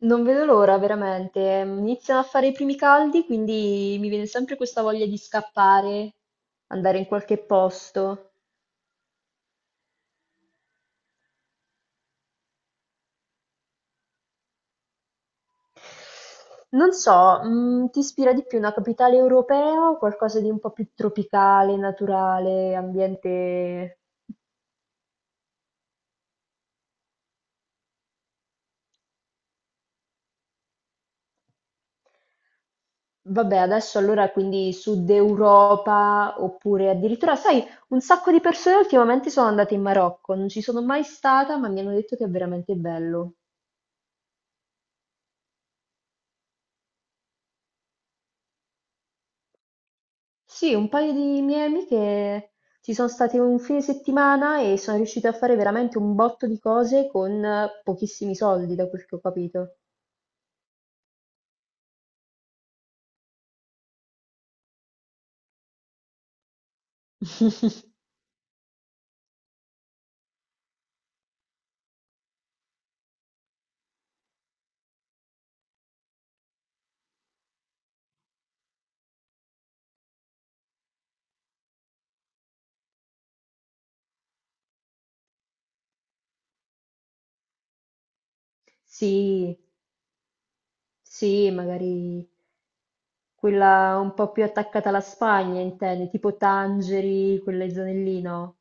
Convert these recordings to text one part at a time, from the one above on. Non vedo l'ora, veramente. Iniziano a fare i primi caldi, quindi mi viene sempre questa voglia di scappare, andare in qualche posto. Non so, ti ispira di più una capitale europea o qualcosa di un po' più tropicale, naturale, ambiente... Vabbè, adesso allora quindi Sud Europa oppure addirittura, sai, un sacco di persone ultimamente sono andate in Marocco, non ci sono mai stata, ma mi hanno detto che è veramente bello. Sì, un paio di miei amiche ci sono state un fine settimana e sono riuscite a fare veramente un botto di cose con pochissimi soldi, da quel che ho capito. Sì, sì, magari quella un po' più attaccata alla Spagna, intendi, tipo Tangeri, quelle zone lì, no?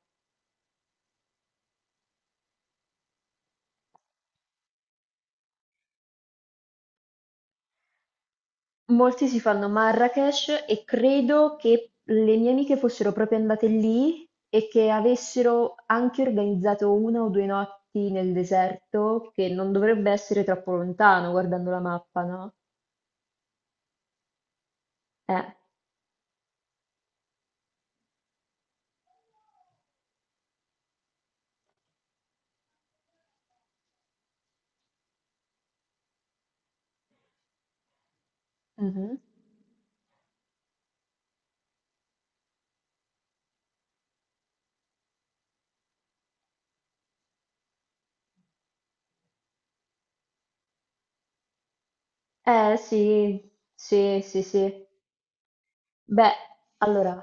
Molti si fanno Marrakech e credo che le mie amiche fossero proprio andate lì e che avessero anche organizzato una o due notti nel deserto, che non dovrebbe essere troppo lontano guardando la mappa, no? Eh, mhm. Eh sì, sì, sì, sì. Beh, allora.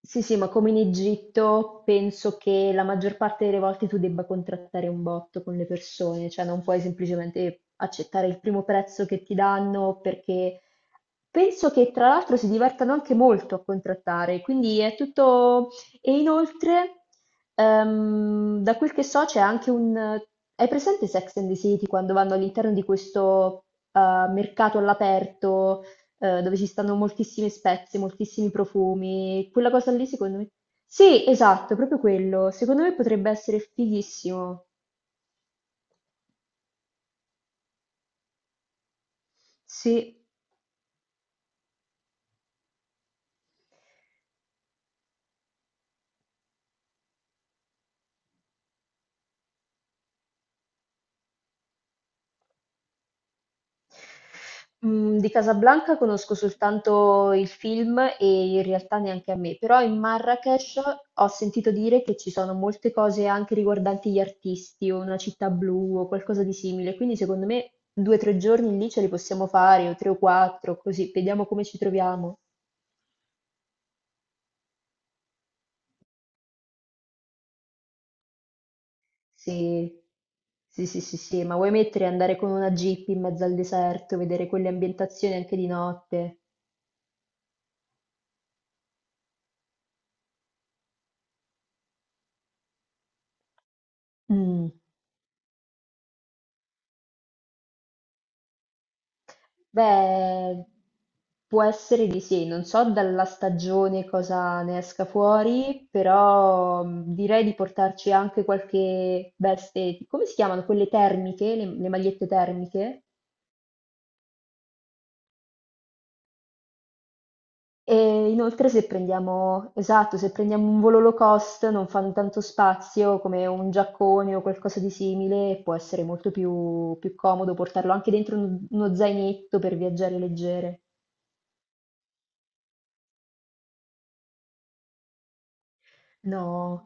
Sì, sì, ma come in Egitto penso che la maggior parte delle volte tu debba contrattare un botto con le persone, cioè non puoi semplicemente accettare il primo prezzo che ti danno perché penso che tra l'altro si divertano anche molto a contrattare, quindi è tutto... E inoltre, da quel che so c'è anche un... Hai presente Sex and the City quando vanno all'interno di questo mercato all'aperto? Dove ci stanno moltissime spezie, moltissimi profumi. Quella cosa lì, secondo me. Sì, esatto, proprio quello. Secondo me potrebbe essere fighissimo. Sì. Di Casablanca conosco soltanto il film e in realtà neanche a me, però in Marrakech ho sentito dire che ci sono molte cose anche riguardanti gli artisti o una città blu o qualcosa di simile, quindi secondo me due o tre giorni lì ce li possiamo fare o tre o quattro, così vediamo come ci troviamo. Sì. Sì, sì, sì, sì, ma vuoi mettere e andare con una jeep in mezzo al deserto, vedere quelle ambientazioni anche di notte? Mm. Beh, può essere di sì, non so dalla stagione cosa ne esca fuori, però direi di portarci anche qualche veste, come si chiamano quelle termiche, le magliette termiche? E inoltre se prendiamo, esatto, se prendiamo un volo low cost non fanno tanto spazio come un giaccone o qualcosa di simile, e può essere molto più, più comodo portarlo anche dentro uno zainetto per viaggiare leggere. No.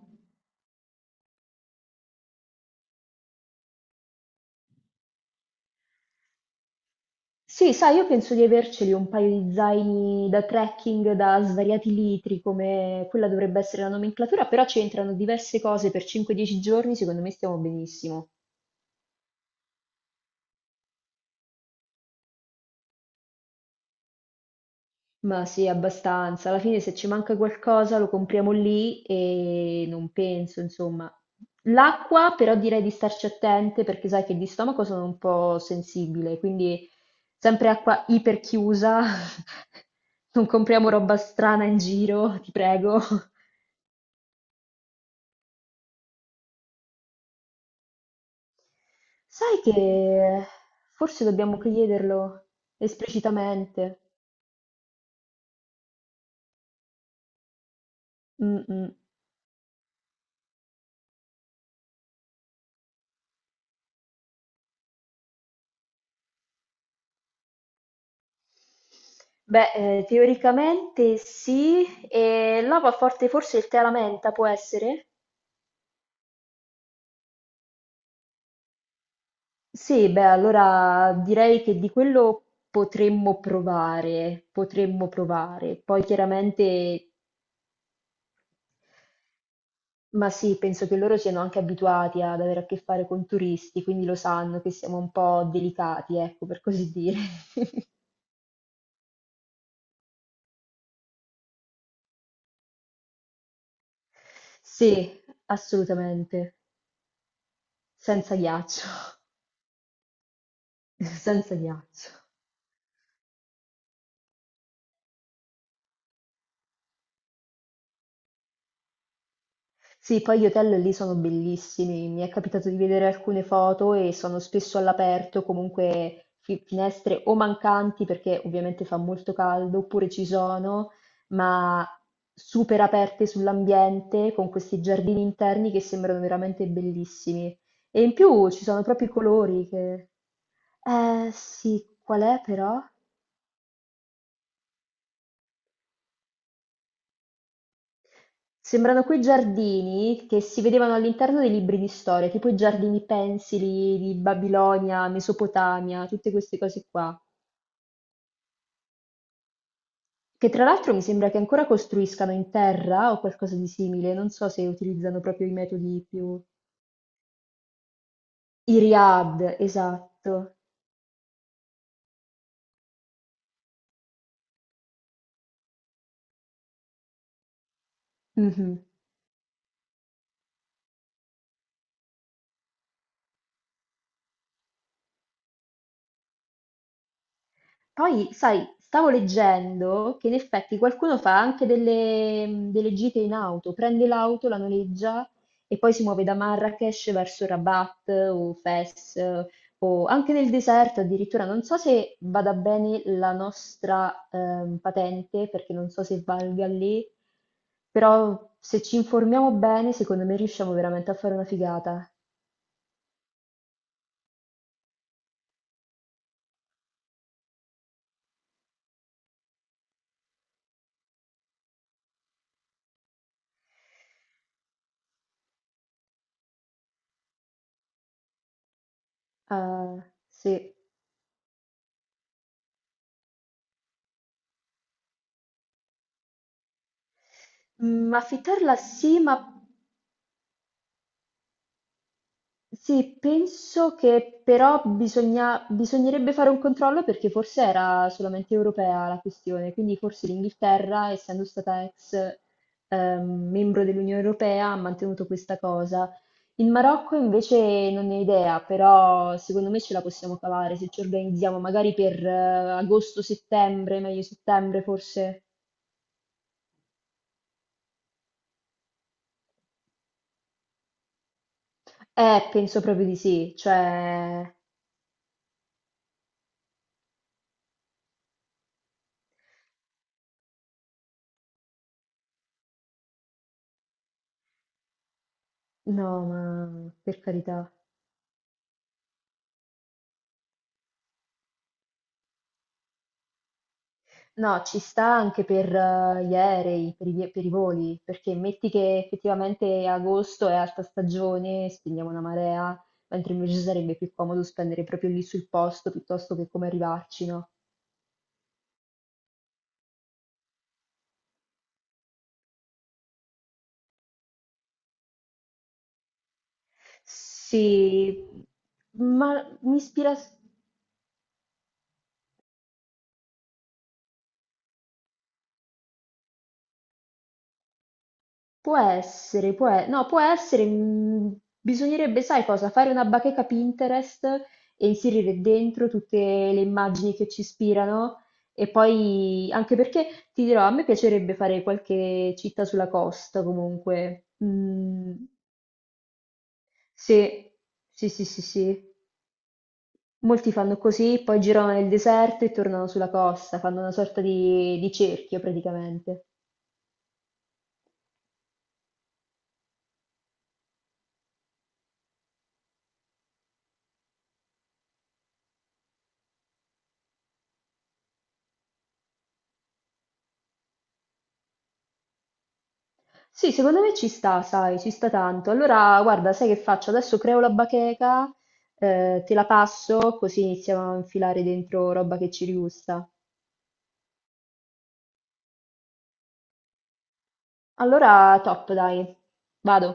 Sì, sai, io penso di averceli un paio di zaini da trekking da svariati litri, come quella dovrebbe essere la nomenclatura, però ci entrano diverse cose per 5-10 giorni, secondo me stiamo benissimo. Ma sì, abbastanza. Alla fine se ci manca qualcosa lo compriamo lì e non penso, insomma. L'acqua però direi di starci attente perché sai che di stomaco sono un po' sensibile, quindi sempre acqua iperchiusa. Non compriamo roba strana in giro, ti prego. Sai che forse dobbiamo chiederlo esplicitamente. Mm, mm. Beh, teoricamente sì, e lava forte forse il tè alla menta, può essere? Sì, beh, allora direi che di quello potremmo provare, potremmo provare. Poi chiaramente, ma sì, penso che loro siano anche abituati ad avere a che fare con turisti, quindi lo sanno che siamo un po' delicati, ecco, per così dire. Sì, assolutamente, senza ghiaccio, senza ghiaccio. Sì, poi gli hotel lì sono bellissimi, mi è capitato di vedere alcune foto e sono spesso all'aperto, comunque finestre o mancanti perché ovviamente fa molto caldo, oppure ci sono, ma super aperte sull'ambiente con questi giardini interni che sembrano veramente bellissimi. E in più ci sono proprio i colori che... Eh sì, qual è però? Sembrano quei giardini che si vedevano all'interno dei libri di storia, tipo i giardini pensili di Babilonia, Mesopotamia, tutte queste cose qua. Che tra l'altro mi sembra che ancora costruiscano in terra o qualcosa di simile, non so se utilizzano proprio i metodi più... I riad, esatto. Mhm. Poi, sai, stavo leggendo che in effetti qualcuno fa anche delle, delle gite in auto, prende l'auto, la noleggia e poi si muove da Marrakesh verso Rabat o Fes o anche nel deserto addirittura. Non so se vada bene la nostra patente perché non so se valga lì, però se ci informiamo bene, secondo me riusciamo veramente a fare una figata. Eh, sì. Affittarla sì, ma sì, penso che però bisognerebbe fare un controllo perché forse era solamente europea la questione, quindi forse l'Inghilterra, essendo stata ex membro dell'Unione Europea, ha mantenuto questa cosa. Il Marocco invece non ne ho idea, però secondo me ce la possiamo cavare se ci organizziamo magari per agosto-settembre, meglio settembre forse. Penso proprio di sì, cioè no, ma per carità. No, ci sta anche per gli aerei, per i voli, perché metti che effettivamente agosto è alta stagione, spendiamo una marea, mentre invece sarebbe più comodo spendere proprio lì sul posto piuttosto che come arrivarci, no? Sì, ma mi ispira. Può essere, può e no, può essere, bisognerebbe, sai cosa, fare una bacheca Pinterest e inserire dentro tutte le immagini che ci ispirano e poi anche perché, ti dirò, a me piacerebbe fare qualche città sulla costa comunque. Mhmm, sì. Sì, sì, sì, sì. Molti fanno così, poi girano nel deserto e tornano sulla costa, fanno una sorta di cerchio praticamente. Sì, secondo me ci sta, sai, ci sta tanto. Allora, guarda, sai che faccio? Adesso creo la bacheca, te la passo, così iniziamo a infilare dentro roba che ci rigusta. Allora, top, dai, vado.